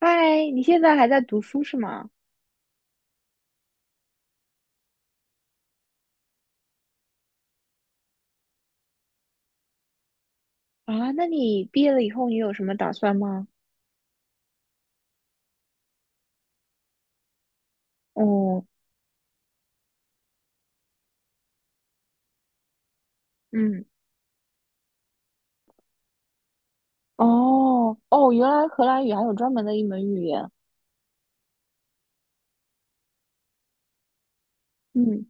嗨，你现在还在读书是吗？啊，那你毕业了以后你有什么打算吗？哦，嗯，哦，哦，原来荷兰语还有专门的一门语言。嗯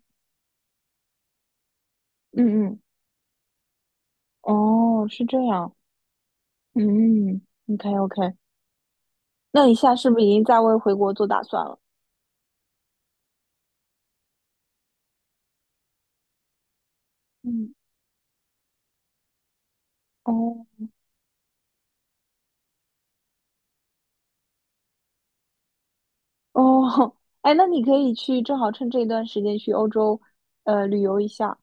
嗯嗯，哦，是这样。嗯，OK 嗯 OK，那你现在是不是已经在为回国做打算了？嗯，哦哦，哎，那你可以去，正好趁这段时间去欧洲，旅游一下。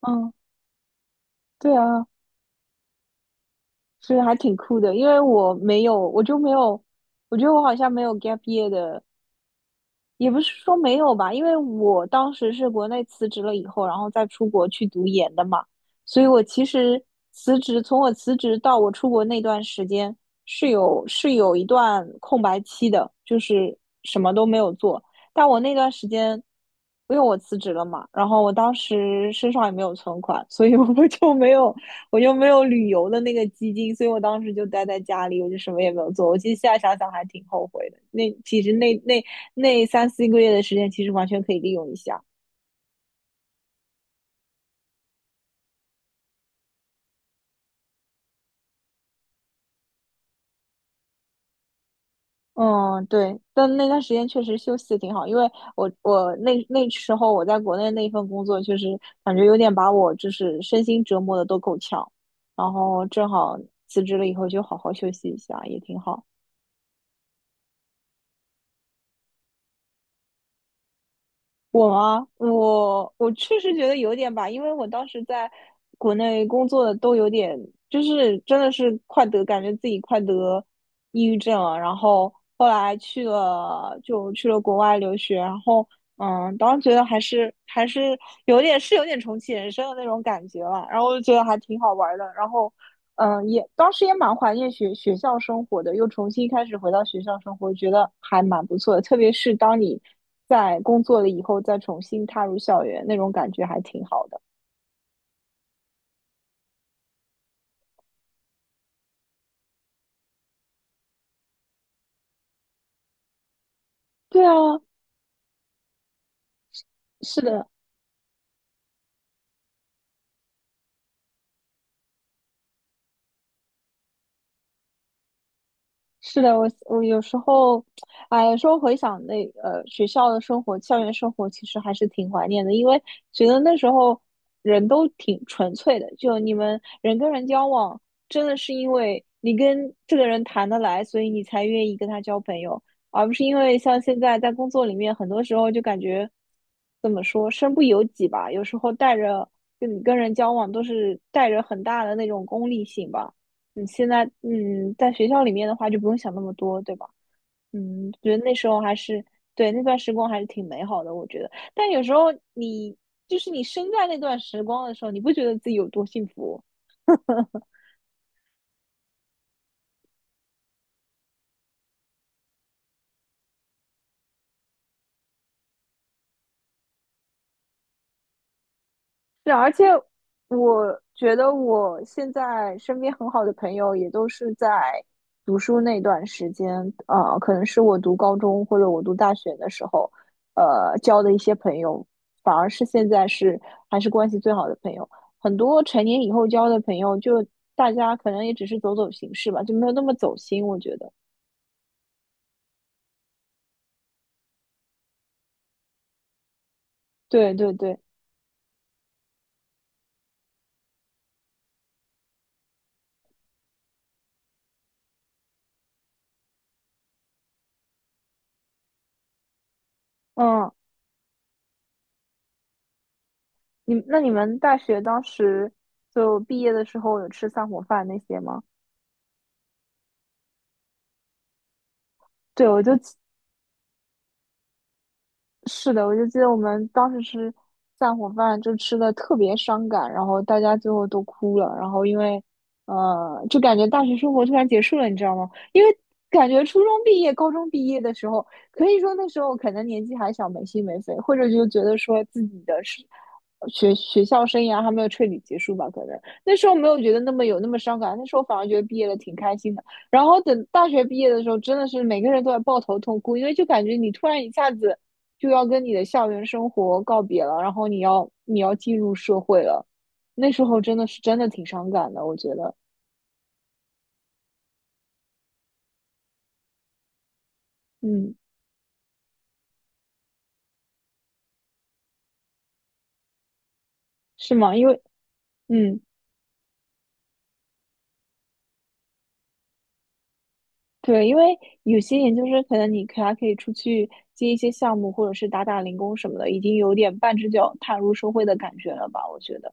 嗯，对啊，所以还挺酷的，因为我没有，我就没有。我觉得我好像没有 gap year 的，也不是说没有吧，因为我当时是国内辞职了以后，然后再出国去读研的嘛，所以我其实辞职，从我辞职到我出国那段时间是有一段空白期的，就是什么都没有做。但我那段时间，因为我辞职了嘛，然后我当时身上也没有存款，所以我 就没有我又没有旅游的那个基金，所以我当时就待在家里，我就什么也没有做。我其实现在想想还挺后悔的。那其实那那那三四个月的时间，其实完全可以利用一下。嗯，对，但那段时间确实休息的挺好，因为我那时候我在国内那份工作，确实感觉有点把我就是身心折磨的都够呛，然后正好辞职了以后就好好休息一下，也挺好。我吗？我确实觉得有点吧，因为我当时在国内工作的都有点，就是真的是快得，感觉自己快得抑郁症了。然后后来去了，就去了国外留学，然后当时觉得还是有点重启人生的那种感觉吧。然后就觉得还挺好玩的。然后也当时也蛮怀念学校生活的，又重新开始回到学校生活，觉得还蛮不错的。特别是当你在工作了以后，再重新踏入校园，那种感觉还挺好的。对啊，是的，是的，我我有时候，哎，有时候回想那学校的生活、校园生活，其实还是挺怀念的，因为觉得那时候人都挺纯粹的，就你们人跟人交往，真的是因为你跟这个人谈得来，所以你才愿意跟他交朋友，而不是因为像现在在工作里面，很多时候就感觉怎么说，身不由己吧，有时候带着跟你跟人交往都是带着很大的那种功利性吧。你现在在学校里面的话就不用想那么多，对吧？嗯，觉得那时候对那段时光还是挺美好的，我觉得。但有时候你就是你身在那段时光的时候，你不觉得自己有多幸福？是，而且我觉得我现在身边很好的朋友也都是在读书那段时间，可能是我读高中或者我读大学的时候，交的一些朋友，反而是现在是还是关系最好的朋友。很多成年以后交的朋友，就大家可能也只是走走形式吧，就没有那么走心，我觉得。对对对，嗯，那你们大学当时就毕业的时候有吃散伙饭那些吗？对，是的，我就记得我们当时吃散伙饭，就吃的特别伤感，然后大家最后都哭了，然后因为，就感觉大学生活突然结束了，你知道吗？因为感觉初中毕业、高中毕业的时候，可以说那时候可能年纪还小，没心没肺，或者就觉得说自己的是学校生涯还没有彻底结束吧，可能那时候没有觉得那么伤感，那时候反而觉得毕业了挺开心的。然后等大学毕业的时候，真的是每个人都在抱头痛哭，因为就感觉你突然一下子，就要跟你的校园生活告别了，然后你要进入社会了，那时候真的挺伤感的，我觉得，嗯，是吗？因为，嗯，对，因为有些研究生可能你还可以出去接一些项目，或者是打打零工什么的，已经有点半只脚踏入社会的感觉了吧？我觉得，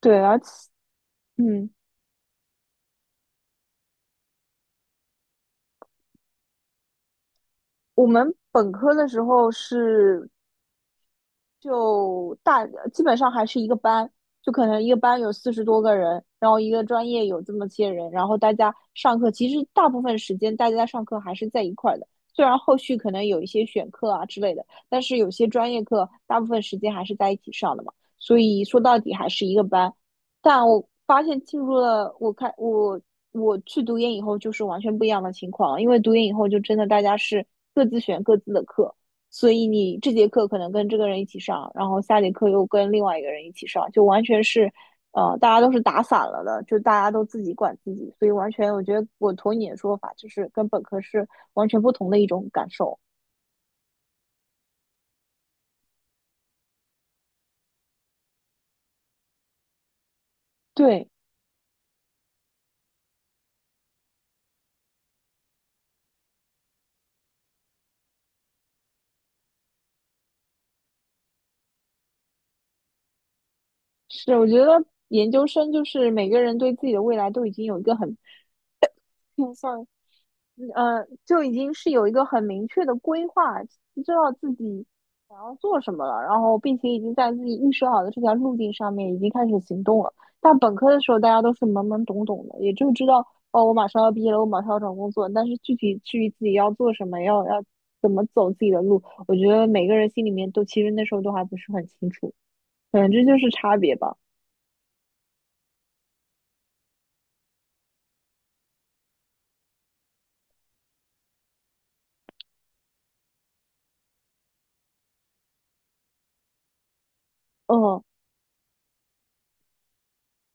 对，而且，嗯，我们本科的时候是就大，基本上还是一个班，就可能一个班有40多个人，然后一个专业有这么些人，然后大家上课，其实大部分时间大家上课还是在一块儿的，虽然后续可能有一些选课啊之类的，但是有些专业课大部分时间还是在一起上的嘛，所以说到底还是一个班，但我发现进入了我看我我去读研以后就是完全不一样的情况，因为读研以后就真的大家是各自选各自的课。所以你这节课可能跟这个人一起上，然后下节课又跟另外一个人一起上，就完全是，大家都是打散了的，就大家都自己管自己，所以完全我觉得我同你的说法，就是跟本科是完全不同的一种感受。对，是我觉得研究生就是每个人对自己的未来都已经有一个很 嗯，就已经是有一个很明确的规划，知道自己想要做什么了，然后并且已经在自己预设好的这条路径上面已经开始行动了。但本科的时候，大家都是懵懵懂懂的，也就知道哦，我马上要毕业了，我马上要找工作，但是具体至于自己要做什么，要怎么走自己的路，我觉得每个人心里面都其实那时候都还不是很清楚，反正这就是差别吧，嗯。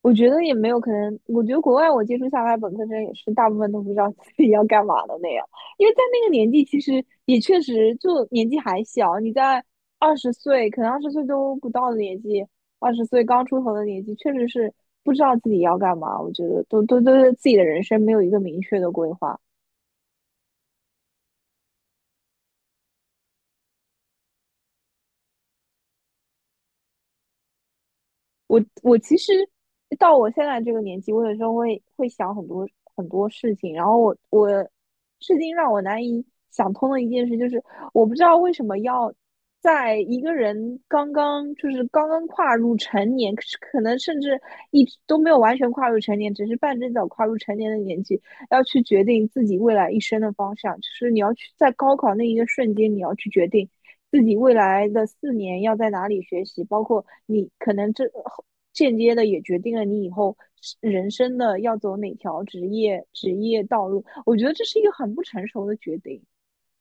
我觉得也没有可能，我觉得国外我接触下来，本科生也是大部分都不知道自己要干嘛的那样，因为在那个年纪，其实也确实就年纪还小，你在二十岁，可能二十岁都不到的年纪，二十岁刚出头的年纪，确实是不知道自己要干嘛。我觉得都对自己的人生没有一个明确的规划。我其实到我现在这个年纪，我有时候会想很多很多事情，然后我至今让我难以想通的一件事就是，我不知道为什么要在一个人刚刚就是刚刚跨入成年，可能甚至一直都没有完全跨入成年，只是半只脚跨入成年的年纪，要去决定自己未来一生的方向，就是你要去在高考那一个瞬间，你要去决定自己未来的4年要在哪里学习，包括你可能这间接的也决定了你以后人生的要走哪条职业道路。我觉得这是一个很不成熟的决定，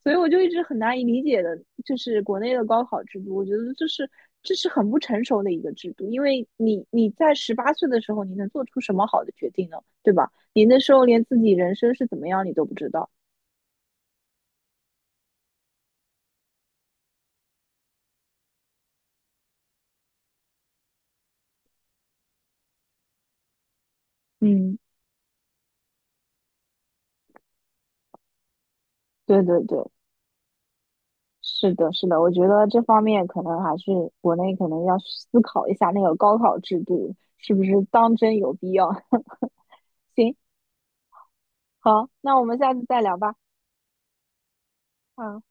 所以我就一直很难以理解的，就是国内的高考制度，我觉得这是很不成熟的一个制度，因为你在18岁的时候，你能做出什么好的决定呢？对吧？你那时候连自己人生是怎么样你都不知道。嗯，对对对。是的，是的，我觉得这方面可能还是国内可能要思考一下那个高考制度是不是当真有必要。行，好，那我们下次再聊吧。嗯。